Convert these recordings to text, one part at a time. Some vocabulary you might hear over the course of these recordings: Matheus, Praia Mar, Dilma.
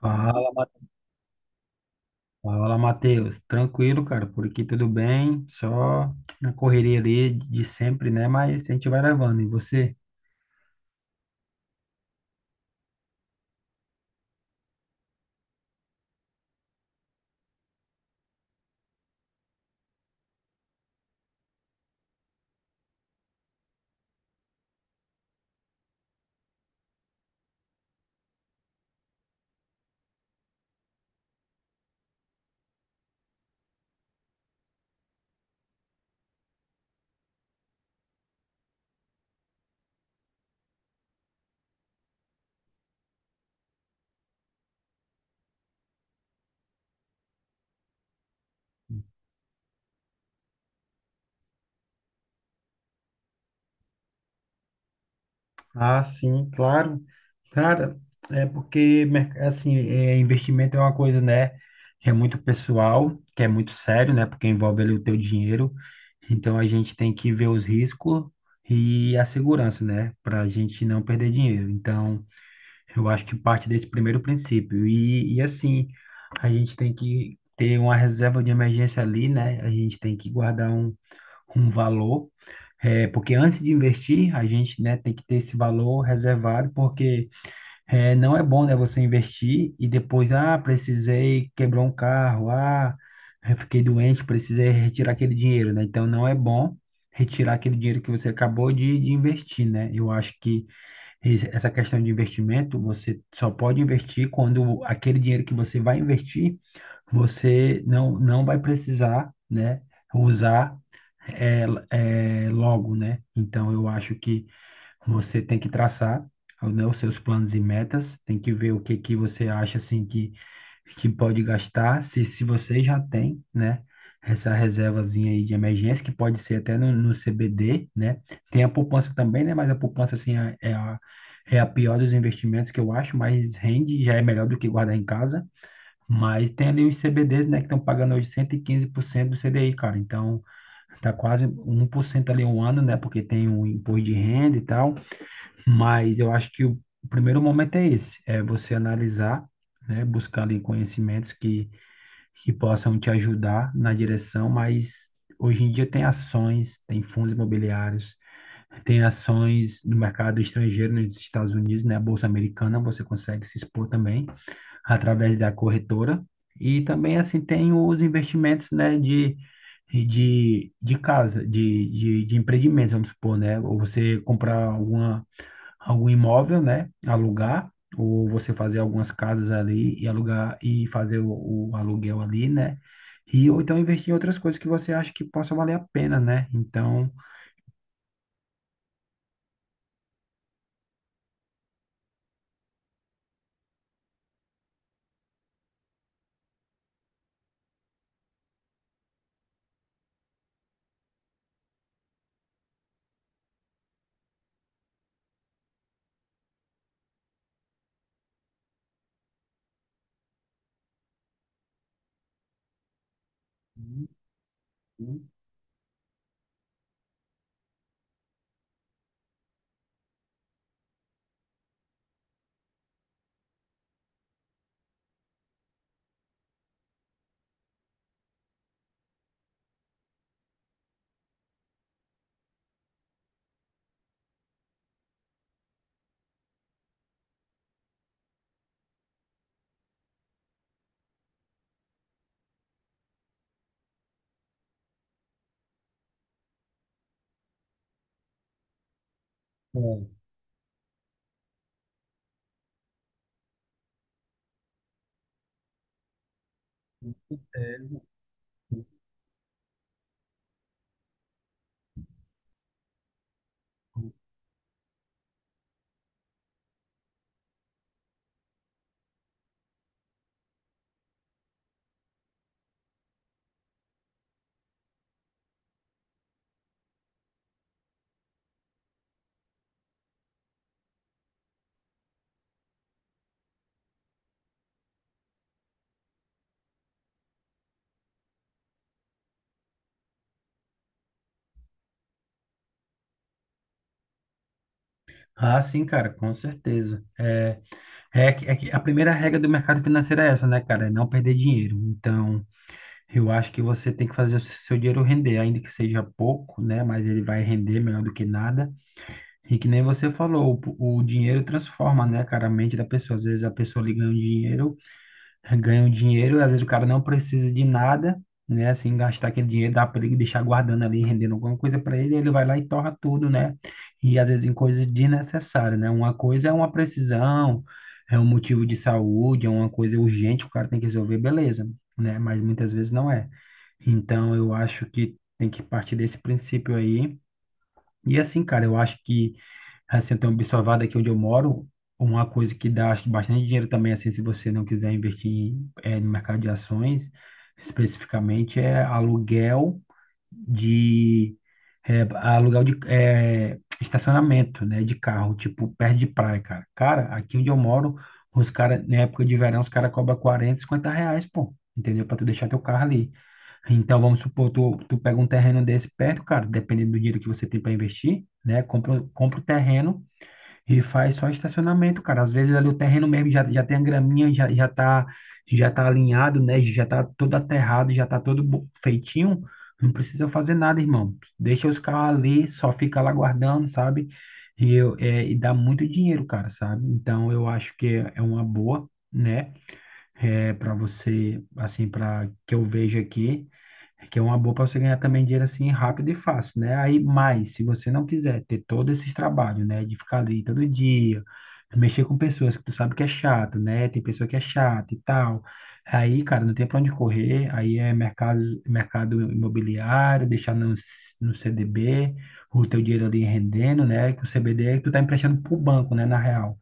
Fala, Matheus. Tranquilo, cara, por aqui tudo bem, só na correria ali de sempre, né? Mas a gente vai levando. E você? Ah, sim, claro. Cara, é porque, assim, investimento é uma coisa, né, que é muito pessoal, que é muito sério, né, porque envolve ali o teu dinheiro. Então a gente tem que ver os riscos e a segurança, né, para a gente não perder dinheiro. Então. Eu acho que parte desse primeiro princípio. E assim, a gente tem que ter uma reserva de emergência ali, né? A gente tem que guardar um valor, porque antes de investir, a gente, né, tem que ter esse valor reservado, porque não é bom, né, você investir e depois, ah, precisei, quebrou um carro, ah, eu fiquei doente, precisei retirar aquele dinheiro, né? Então, não é bom retirar aquele dinheiro que você acabou de investir, né? Eu acho que essa questão de investimento, você só pode investir quando aquele dinheiro que você vai investir, você não vai precisar, né, usar é, é logo, né? Então eu acho que você tem que traçar, né, os seus planos e metas, tem que ver o que que você acha assim que pode gastar, se você já tem, né? Essa reservazinha aí de emergência, que pode ser até no CBD, né? Tem a poupança também, né? Mas a poupança, assim, é a pior dos investimentos que eu acho, mas rende, já é melhor do que guardar em casa. Mas tem ali os CBDs, né? Que estão pagando hoje 115% do CDI, cara. Então, tá quase 1% ali um ano, né? Porque tem o imposto de renda e tal. Mas eu acho que o primeiro momento é esse, é você analisar, né? Buscar ali conhecimentos que possam te ajudar na direção, mas hoje em dia tem ações, tem fundos imobiliários, tem ações no mercado estrangeiro, nos Estados Unidos, né? A Bolsa Americana, você consegue se expor também através da corretora. E também, assim, tem os investimentos, né, de casa, de empreendimentos, vamos supor, né? Ou você comprar algum imóvel, né, alugar, ou você fazer algumas casas ali e alugar e fazer o aluguel ali, né? E, ou então investir em outras coisas que você acha que possa valer a pena, né? Então, bom, com certeza. Ah, sim, cara, com certeza. É que a primeira regra do mercado financeiro é essa, né, cara? É não perder dinheiro. Então, eu acho que você tem que fazer o seu dinheiro render, ainda que seja pouco, né? Mas ele vai render melhor do que nada. E que nem você falou, o dinheiro transforma, né, cara, a mente da pessoa. Às vezes a pessoa lhe ganha um dinheiro, e às vezes o cara não precisa de nada, né? Assim, gastar aquele dinheiro, dar para ele deixar guardando ali, rendendo alguma coisa para ele, ele vai lá e torra tudo, né? E às vezes em coisas desnecessárias, né? Uma coisa é uma precisão, é um motivo de saúde, é uma coisa urgente, o cara tem que resolver, beleza, né? Mas muitas vezes não é. Então, eu acho que tem que partir desse princípio aí. E assim, cara, eu acho que assim, eu tenho observado aqui onde eu moro, uma coisa que dá acho que, bastante dinheiro também, assim, se você não quiser investir no mercado de ações, especificamente, é de aluguel de estacionamento, né, de carro, tipo, perto de praia, cara. Cara, aqui onde eu moro, os caras, na época de verão, os caras cobram 40 50 reais, pô. Entendeu? Para tu deixar teu carro ali. Então, vamos supor, tu pega um terreno desse perto, cara, dependendo do dinheiro que você tem para investir, né? Compra o terreno e faz só estacionamento, cara. Às vezes ali o terreno mesmo já, já, tem a graminha, já tá alinhado, né? Já tá todo aterrado, já tá todo feitinho. Não precisa fazer nada, irmão. Deixa os carros ali, só fica lá guardando, sabe? E dá muito dinheiro, cara, sabe? Então eu acho que é uma boa, né? É, para você, assim, para que eu vejo aqui, é que é uma boa para você ganhar também dinheiro assim rápido e fácil, né? Aí, mas se você não quiser ter todos esses trabalhos, né, de ficar ali todo dia, mexer com pessoas que tu sabe que é chato, né? Tem pessoa que é chata e tal. Aí, cara, não tem para onde correr. Aí é mercado imobiliário, deixar no CDB, o teu dinheiro ali rendendo, né? Que o CDB tu tá emprestando pro banco, né, na real.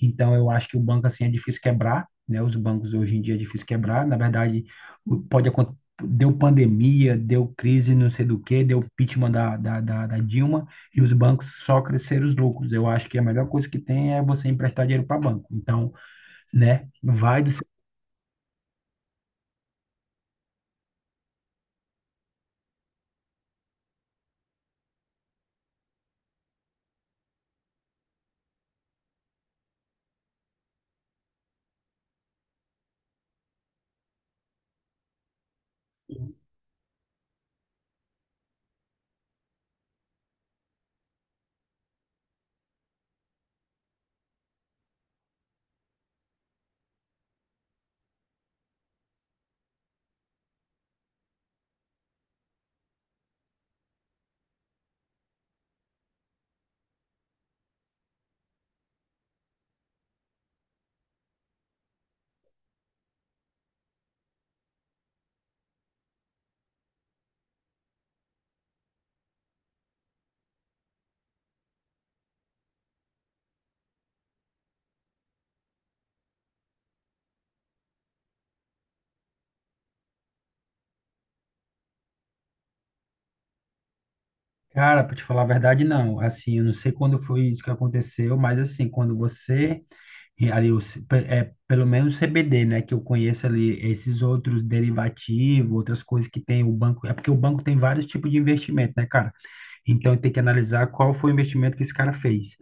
Então, eu acho que o banco, assim, é difícil quebrar, né? Os bancos hoje em dia é difícil quebrar. Na verdade, pode acontecer. Deu pandemia, deu crise, não sei do que, deu impeachment da Dilma e os bancos só cresceram os lucros. Eu acho que a melhor coisa que tem é você emprestar dinheiro para banco. Então, né, vai do seu cara, para te falar a verdade, não. Assim, eu não sei quando foi isso que aconteceu, mas assim, quando você e ali pelo menos CBD, né, que eu conheço ali, esses outros derivativos, outras coisas que tem o banco, é porque o banco tem vários tipos de investimento, né, cara? Então tem que analisar qual foi o investimento que esse cara fez.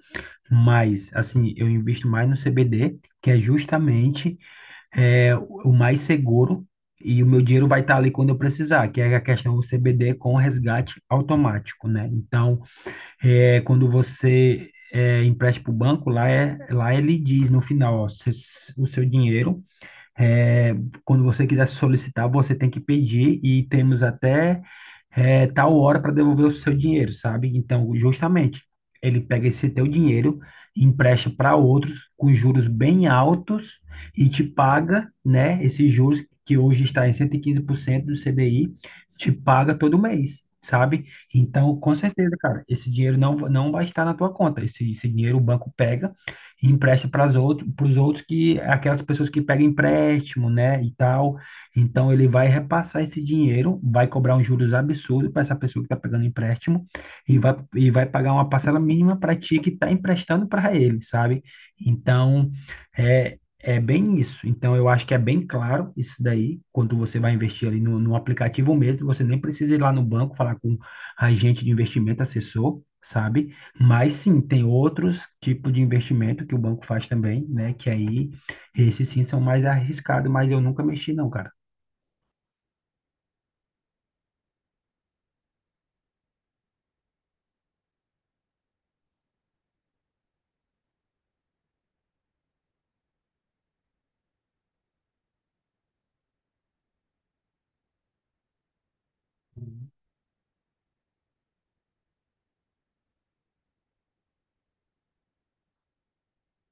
Mas, assim, eu invisto mais no CBD, que é justamente o mais seguro e o meu dinheiro vai estar ali quando eu precisar, que é a questão do CBD com resgate automático, né? Então, quando você empresta para o banco, lá ele diz no final, ó, o seu dinheiro é, quando você quiser solicitar, você tem que pedir e temos até tal hora para devolver o seu dinheiro, sabe? Então, justamente, ele pega esse teu dinheiro, empresta para outros com juros bem altos e te paga, né, esses juros que hoje está em 115% do CDI, te paga todo mês. Sabe? Então, com certeza, cara, esse dinheiro não vai estar na tua conta. Esse dinheiro o banco pega e empresta para os outros que aquelas pessoas que pegam empréstimo, né, e tal. Então ele vai repassar esse dinheiro, vai cobrar uns juros absurdos para essa pessoa que está pegando empréstimo e vai pagar uma parcela mínima para ti que está emprestando para ele, sabe? Então, é bem isso. Então, eu acho que é bem claro isso daí, quando você vai investir ali no aplicativo mesmo, você nem precisa ir lá no banco falar com agente de investimento, assessor, sabe? Mas sim, tem outros tipos de investimento que o banco faz também, né? Que aí, esses sim são mais arriscados, mas eu nunca mexi não, cara.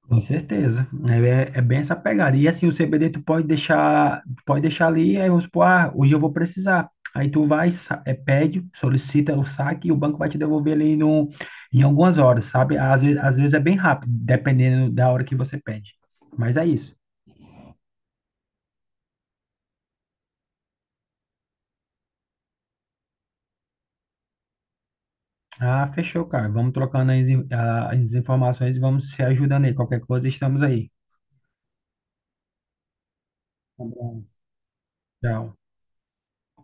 Com certeza. É, é bem essa pegada. E assim, o CBD tu pode deixar ali, aí vamos supor, ah, hoje eu vou precisar. Aí tu vai, pede, solicita o saque e o banco vai te devolver ali no, em algumas horas, sabe? Às vezes é bem rápido, dependendo da hora que você pede. Mas é isso. Ah, fechou, cara. Vamos trocando as informações e vamos se ajudando aí. Qualquer coisa, estamos aí. Tá bom. Tchau.